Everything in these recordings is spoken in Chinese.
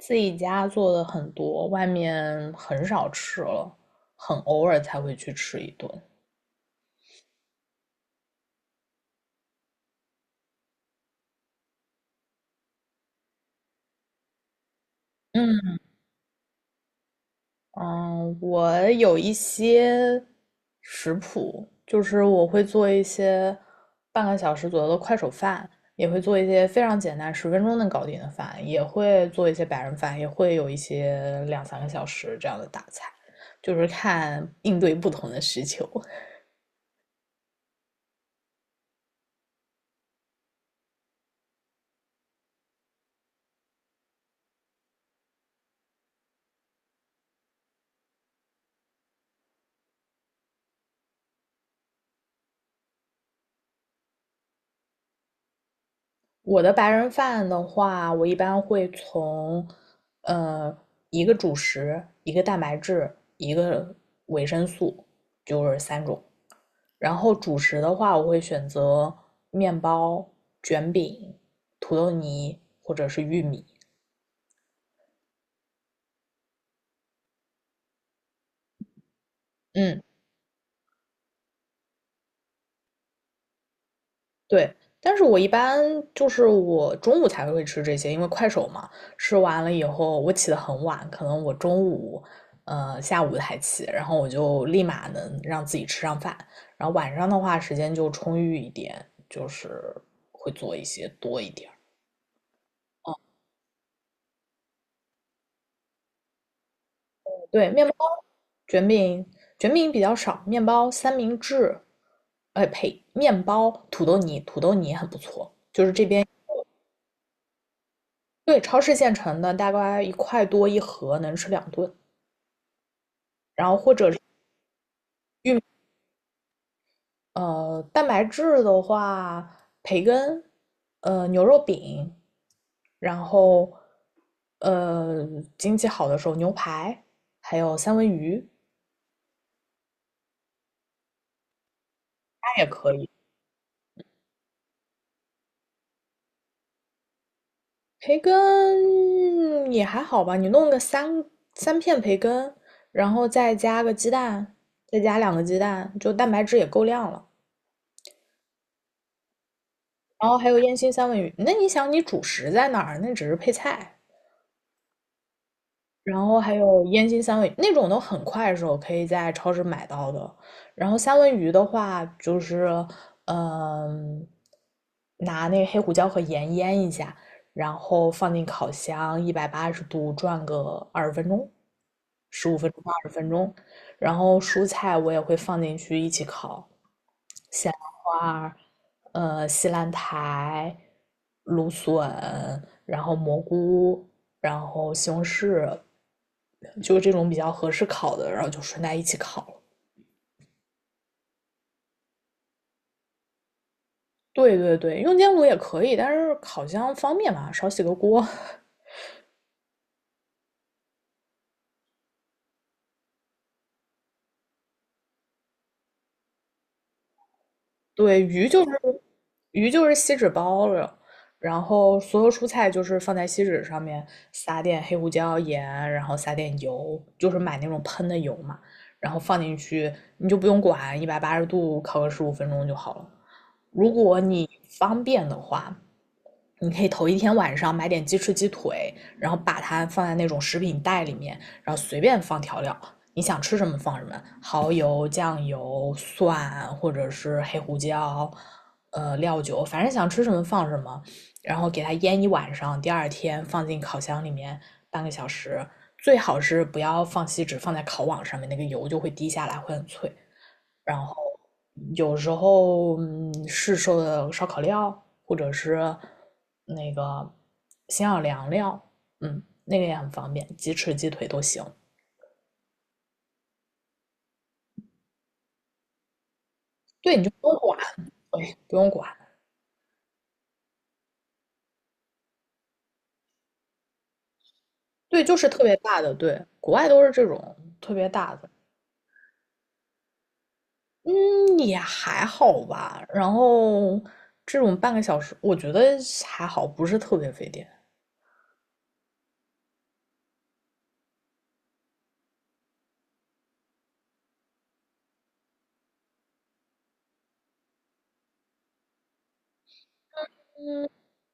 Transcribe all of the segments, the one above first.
自己家做的很多，外面很少吃了，很偶尔才会去吃一顿。嗯嗯，我有一些食谱，就是我会做一些半个小时左右的快手饭，也会做一些非常简单，十分钟能搞定的饭，也会做一些白人饭，也会有一些两三个小时这样的大菜，就是看应对不同的需求。我的白人饭的话，我一般会从，呃，一个主食、一个蛋白质、一个维生素，就是三种。然后主食的话，我会选择面包、卷饼、土豆泥或者是玉米。嗯，对，但是我一般就是我中午才会吃这些，因为快手嘛，吃完了以后我起得很晚，可能我中午，下午才起，然后我就立马能让自己吃上饭，然后晚上的话时间就充裕一点，就是会做一些多一点儿。对，面包、卷饼、卷饼比较少，面包、三明治，哎呸，面包、土豆泥，土豆泥也很不错。对，超市现成的，大概一块多一盒，能吃两顿。然后或者是玉蛋白质的话，培根，牛肉饼，然后呃，经济好的时候牛排，还有三文鱼，它也可以。培根也还好吧，你弄个三片培根，然后再加个鸡蛋，再加两个鸡蛋，就蛋白质也够量了。然后还有烟熏三文鱼，那你想你主食在哪儿？那只是配菜。然后还有烟熏三文鱼那种都很快手，可以在超市买到的。然后三文鱼的话，就是嗯，拿那个黑胡椒和盐腌一下，然后放进烤箱一百八十度转个二十分钟，十五分钟到二十分钟。然后蔬菜我也会放进去一起烤，花西兰苔、芦笋，然后蘑菇，然后西红柿，就这种比较合适烤的，然后就顺带一起烤了。对对对，用煎炉也可以，但是烤箱方便嘛，少洗个锅。对，鱼就是锡纸包了，然后所有蔬菜就是放在锡纸上面撒点黑胡椒、盐，然后撒点油，就是买那种喷的油嘛，然后放进去，你就不用管，一百八十度烤个十五分钟就好了。如果你方便的话，你可以头一天晚上买点鸡翅、鸡腿，然后把它放在那种食品袋里面，然后随便放调料，你想吃什么放什么，蚝油、酱油、蒜或者是黑胡椒，料酒，反正想吃什么放什么，然后给它腌一晚上，第二天放进烤箱里面半个小时，最好是不要放锡纸，放在烤网上面，那个油就会滴下来，会很脆。然后有时候市售的烧烤料，或者是那个鲜小凉料，嗯，那个也很方便，鸡翅、鸡腿都行。对，你就不用管，对，不用管，对，就是特别大的，对，国外都是这种特别大的，嗯，也还好吧。然后这种半个小时，我觉得还好，不是特别费电。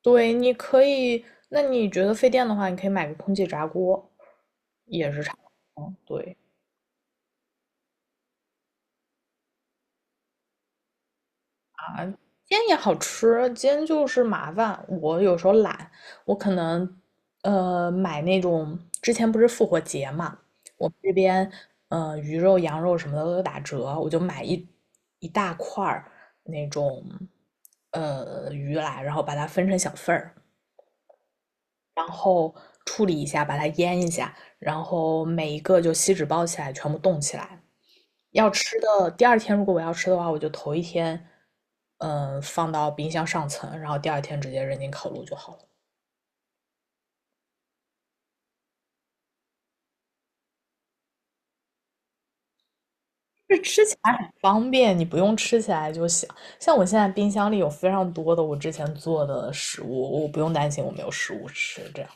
对，你可以，那你觉得费电的话，你可以买个空气炸锅。嗯，对，煎也好吃，煎就是麻烦。我有时候懒，我可能买那种之前不是复活节嘛，我们这边鱼肉、羊肉什么的都打折，我就买一大块儿那种鱼来，然后把它分成小份儿，然后处理一下，把它腌一下，然后每一个就锡纸包起来，全部冻起来，要吃的，第二天如果我要吃的话，我就头一天，放到冰箱上层，然后第二天直接扔进烤炉就好了。这吃起来很方便，你不用吃起来就行。像我现在冰箱里有非常多的我之前做的食物，我不用担心我没有食物吃，这样。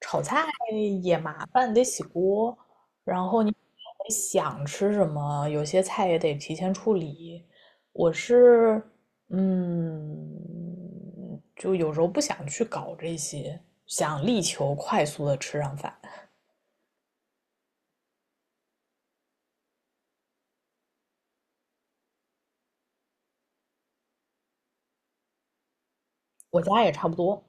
炒菜也麻烦，得洗锅，然后你得想吃什么，有些菜也得提前处理。我是，嗯，就有时候不想去搞这些，想力求快速的吃上饭。我家也差不多。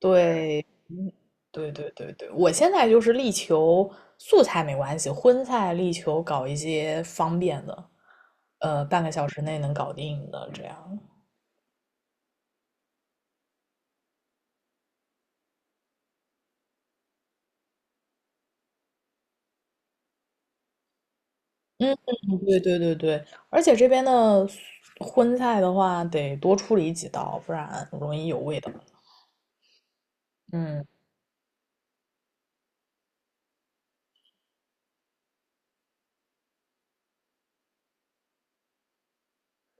对，对，对，对，对，我现在就是力求素菜没关系，荤菜力求搞一些方便的，半个小时内能搞定的这样。嗯，对对对对，而且这边的荤菜的话，得多处理几道，不然容易有味道。嗯，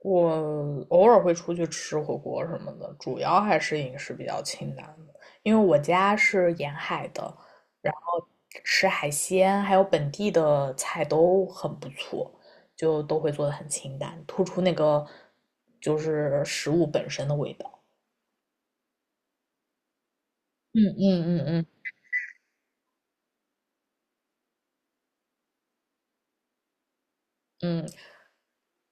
我偶尔会出去吃火锅什么的，主要还是饮食比较清淡的，因为我家是沿海的，然后吃海鲜还有本地的菜都很不错，就都会做的很清淡，突出那个就是食物本身的味道。嗯嗯嗯嗯嗯。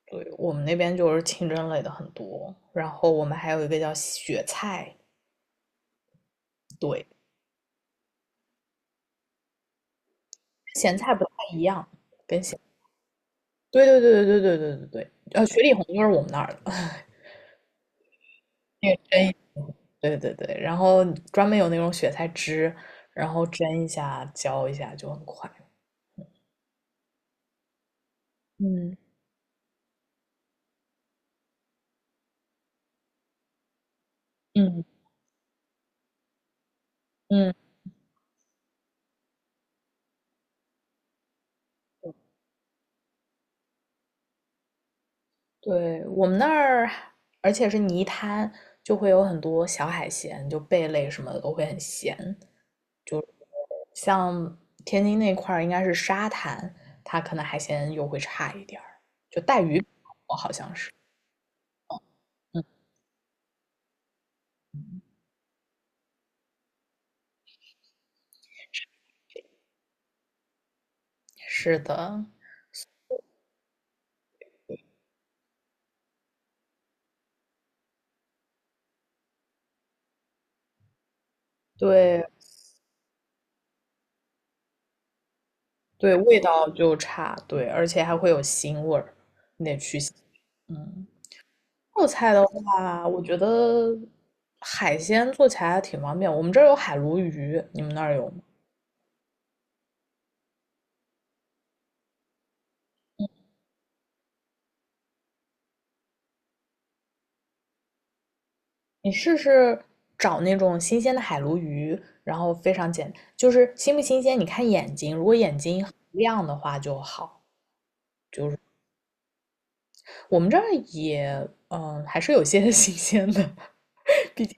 对，我们那边就是清蒸类的很多，然后我们还有一个叫雪菜，对，咸菜不太一样。对对对对对对对对对，雪里红就是我们那儿的那个。 蒸一对对对，然后专门有那种雪菜汁，然后蒸一下、浇一下就很快。嗯嗯嗯。对，我们那儿，而且是泥滩，就会有很多小海鲜，就贝类什么的都会很咸。就像天津那块儿，应该是沙滩，它可能海鲜又会差一点儿。就带鱼，我好像是，嗯，是的，对对，味道就差，对，而且还会有腥味儿。嗯，做菜的话，我觉得海鲜做起来还挺方便。我们这儿有海鲈鱼，你们那儿有吗？你试试找那种新鲜的海鲈鱼，然后非常简，就是新不新鲜，你看眼睛，如果眼睛很亮的话就好。我们这儿也,还是有些 新鲜的，毕竟，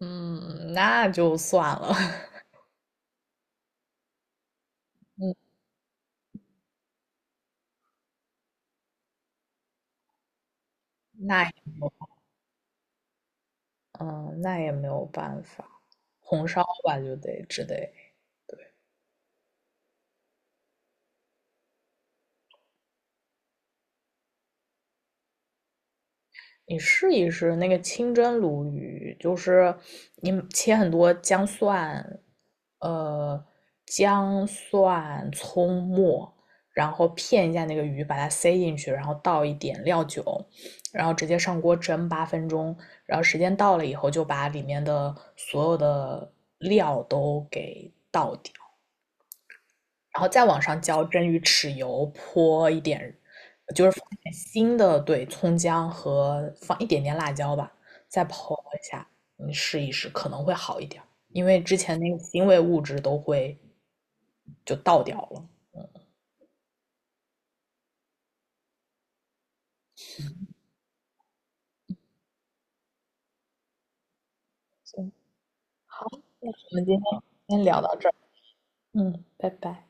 嗯，那就算了。嗯，那也没有，嗯，那也没有办法，红烧吧，就得只得。你试一试那个清蒸鲈鱼，就是你切很多姜蒜，呃，姜蒜、葱末，然后片一下那个鱼，把它塞进去，然后倒一点料酒，然后直接上锅蒸8分钟，然后时间到了以后，就把里面的所有的料都给倒掉，然后再往上浇蒸鱼豉油，泼一点，就是放一点新的，对，葱姜和放一点点辣椒吧，再泼一下，你试一试可能会好一点儿，因为之前那个腥味物质都会就倒掉了。行，好，那我们今天先聊到这儿，嗯，拜拜。